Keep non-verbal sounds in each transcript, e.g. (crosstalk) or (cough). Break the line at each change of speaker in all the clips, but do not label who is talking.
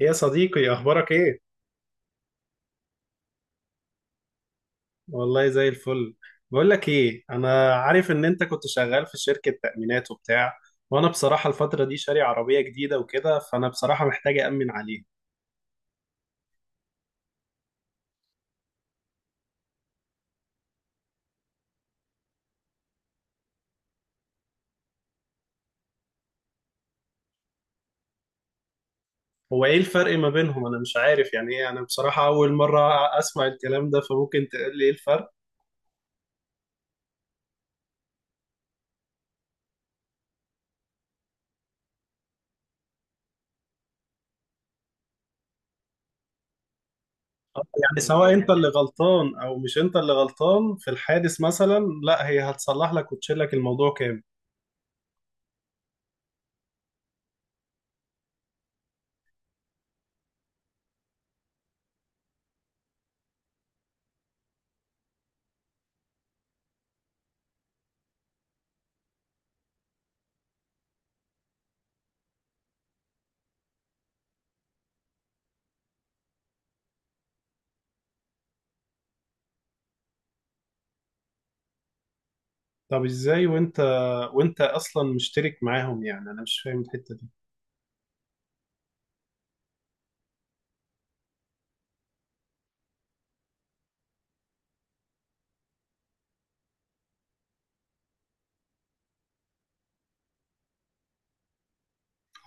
يا صديقي، اخبارك ايه؟ والله زي الفل. بقول لك ايه، انا عارف ان انت كنت شغال في شركة تأمينات وبتاع. وانا بصراحة الفترة دي شاري عربية جديدة وكده، فانا بصراحة محتاج أأمن عليها. هو ايه الفرق ما بينهم؟ انا مش عارف يعني ايه. انا بصراحة اول مرة اسمع الكلام ده، فممكن تقول لي ايه الفرق؟ يعني سواء انت اللي غلطان او مش انت اللي غلطان في الحادث مثلا، لا هي هتصلح لك وتشيل لك الموضوع كامل؟ طب ازاي وانت، اصلا مشترك معاهم؟ يعني انا مش فاهم الحتة دي.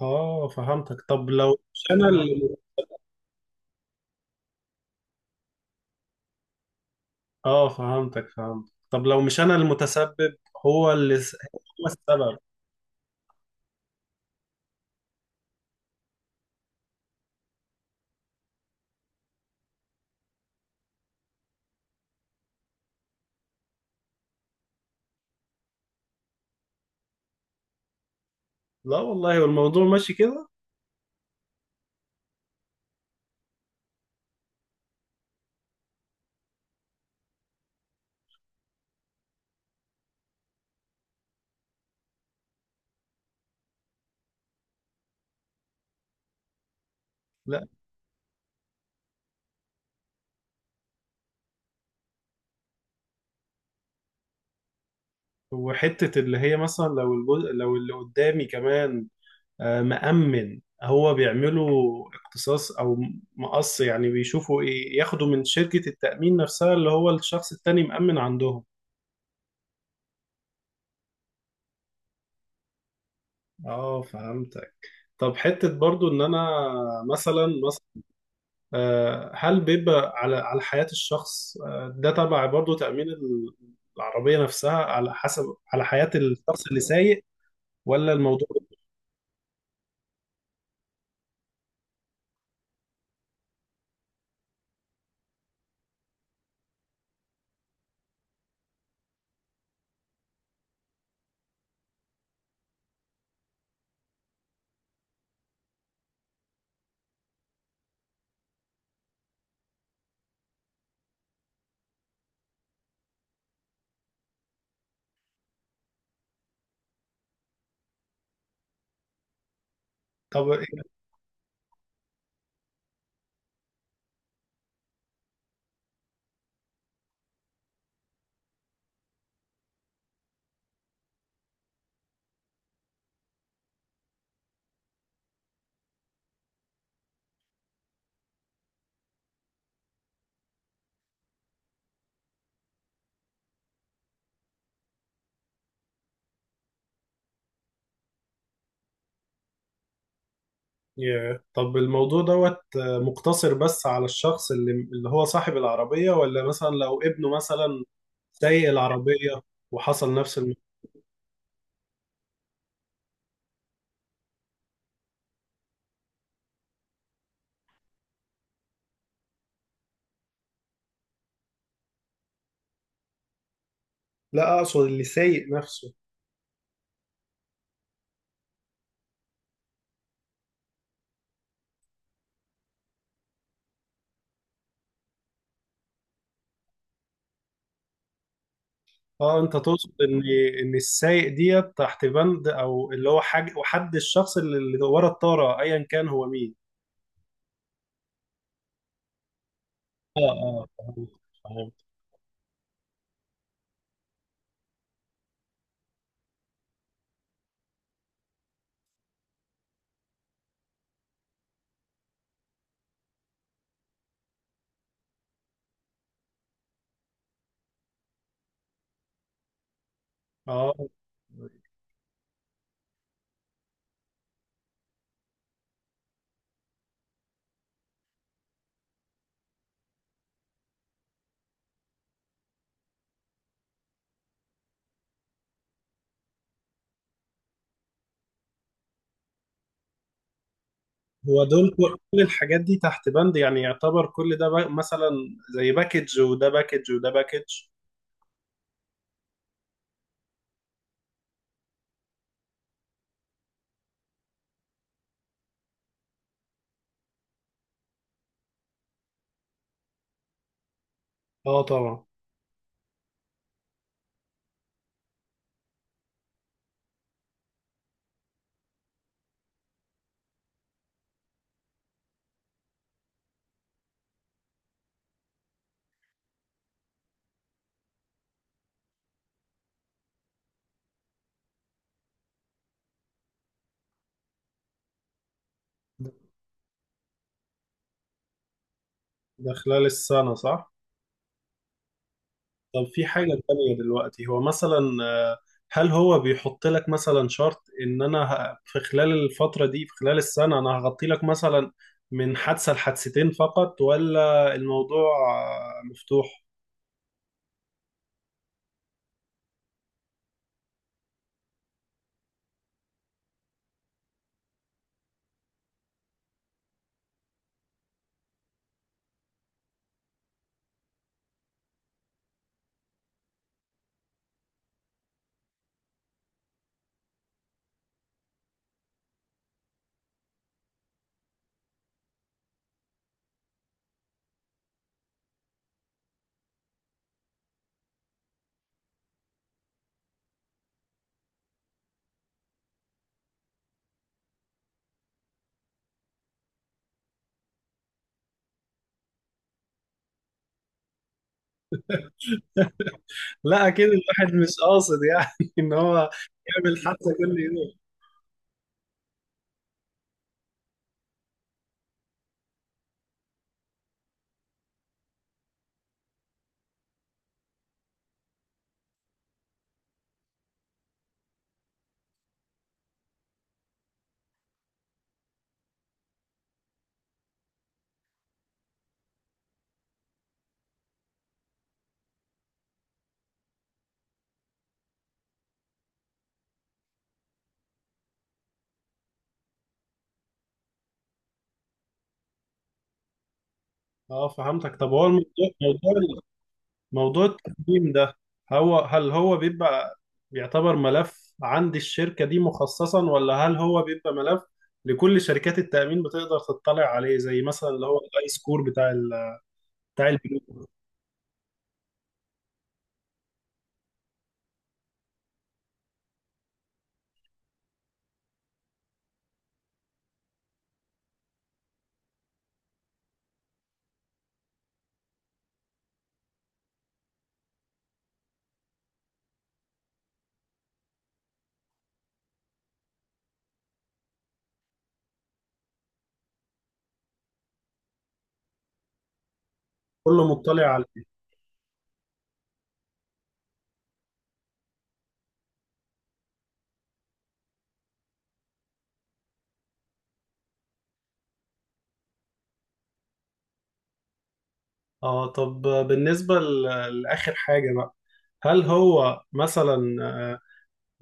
اه فهمتك. طب لو مش انا اللي... اه فهمتك فهمت. طب لو مش انا المتسبب، هو اللي س... هو السبب. لا والله، والموضوع ماشي كده. لا، وحتة اللي هي مثلا لو الجزء لو اللي قدامي كمان مأمن، هو بيعملوا اقتصاص او مقص؟ يعني بيشوفوا ايه، ياخدوا من شركة التأمين نفسها اللي هو الشخص التاني مأمن عندهم؟ اه فهمتك. طب حتة برضو ان انا مثلا، هل بيبقى على حياة الشخص، ده تبع برضه تأمين العربية نفسها، على حسب على حياة الشخص اللي سايق، ولا الموضوع؟ طب طب الموضوع دوت مقتصر بس على الشخص اللي هو صاحب العربية، ولا مثلا لو ابنه مثلا سايق العربية وحصل نفس لا، أقصد اللي سايق نفسه. اه، انت تقصد ان السايق ديت تحت بند او اللي هو حاجه، وحد الشخص اللي ورا الطاره ايا كان هو مين. اه اه، فهمت فهمت. اه، هو دول كل الحاجات دي تحت بند؟ يعني يعتبر كل ده مثلا زي باكج، وده باكج، وده باكج. اه طبعا. ده ده خلال السنة، صح؟ طب في حاجة تانية دلوقتي، هو مثلا، آه، هل هو بيحط لك مثلا شرط ان انا في خلال الفترة دي، في خلال السنة، انا هغطي لك مثلا من حادثة لحادثتين فقط، ولا الموضوع مفتوح؟ لا اكيد، الواحد مش قاصد يعني (laughs) ان هو يعمل حادثه كل يوم. اه فهمتك. طب هو الموضوع موضوع موضوع التقديم ده، هل هو بيبقى ملف عند الشركه دي مخصصا، ولا هل هو بيبقى ملف لكل شركات التامين بتقدر تطلع عليه، زي مثلا اللي هو الاي سكور بتاع البنوك؟ كله مطلع عليه. اه، طب بالنسبه لاخر حاجه بقى، هل هو مثلا،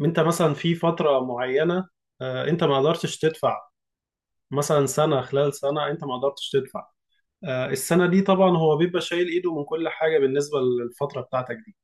انت مثلا في فترة معينة، انت ما قدرتش تدفع، مثلا سنة، خلال سنة انت ما قدرتش تدفع، السنة دي، طبعا هو بيبقى شايل ايده من كل حاجة بالنسبة للفترة بتاعتك دي؟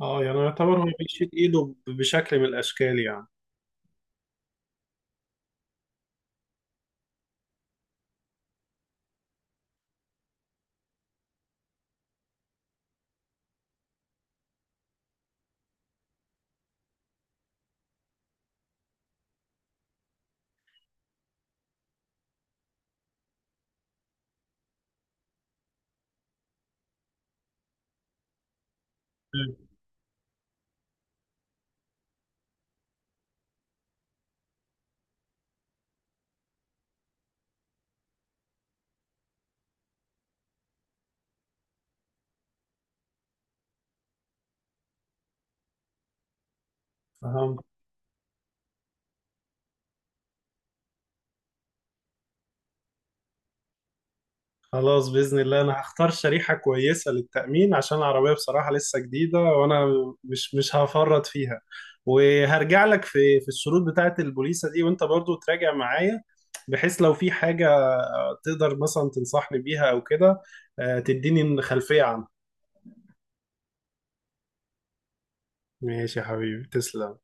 اه، يعني يعتبر هو بيشيل ايده بشكل من الاشكال يعني. مم. فهمت. خلاص، بإذن الله انا هختار شريحة كويسة للتأمين، عشان العربية بصراحة لسه جديدة وانا مش هفرط فيها. وهرجع لك في الشروط بتاعة البوليسة دي، وانت برضو تراجع معايا بحيث لو في حاجة، تقدر مثلا تنصحني بيها او كده، تديني خلفية عنها. ماشي يا حبيبي، تسلم.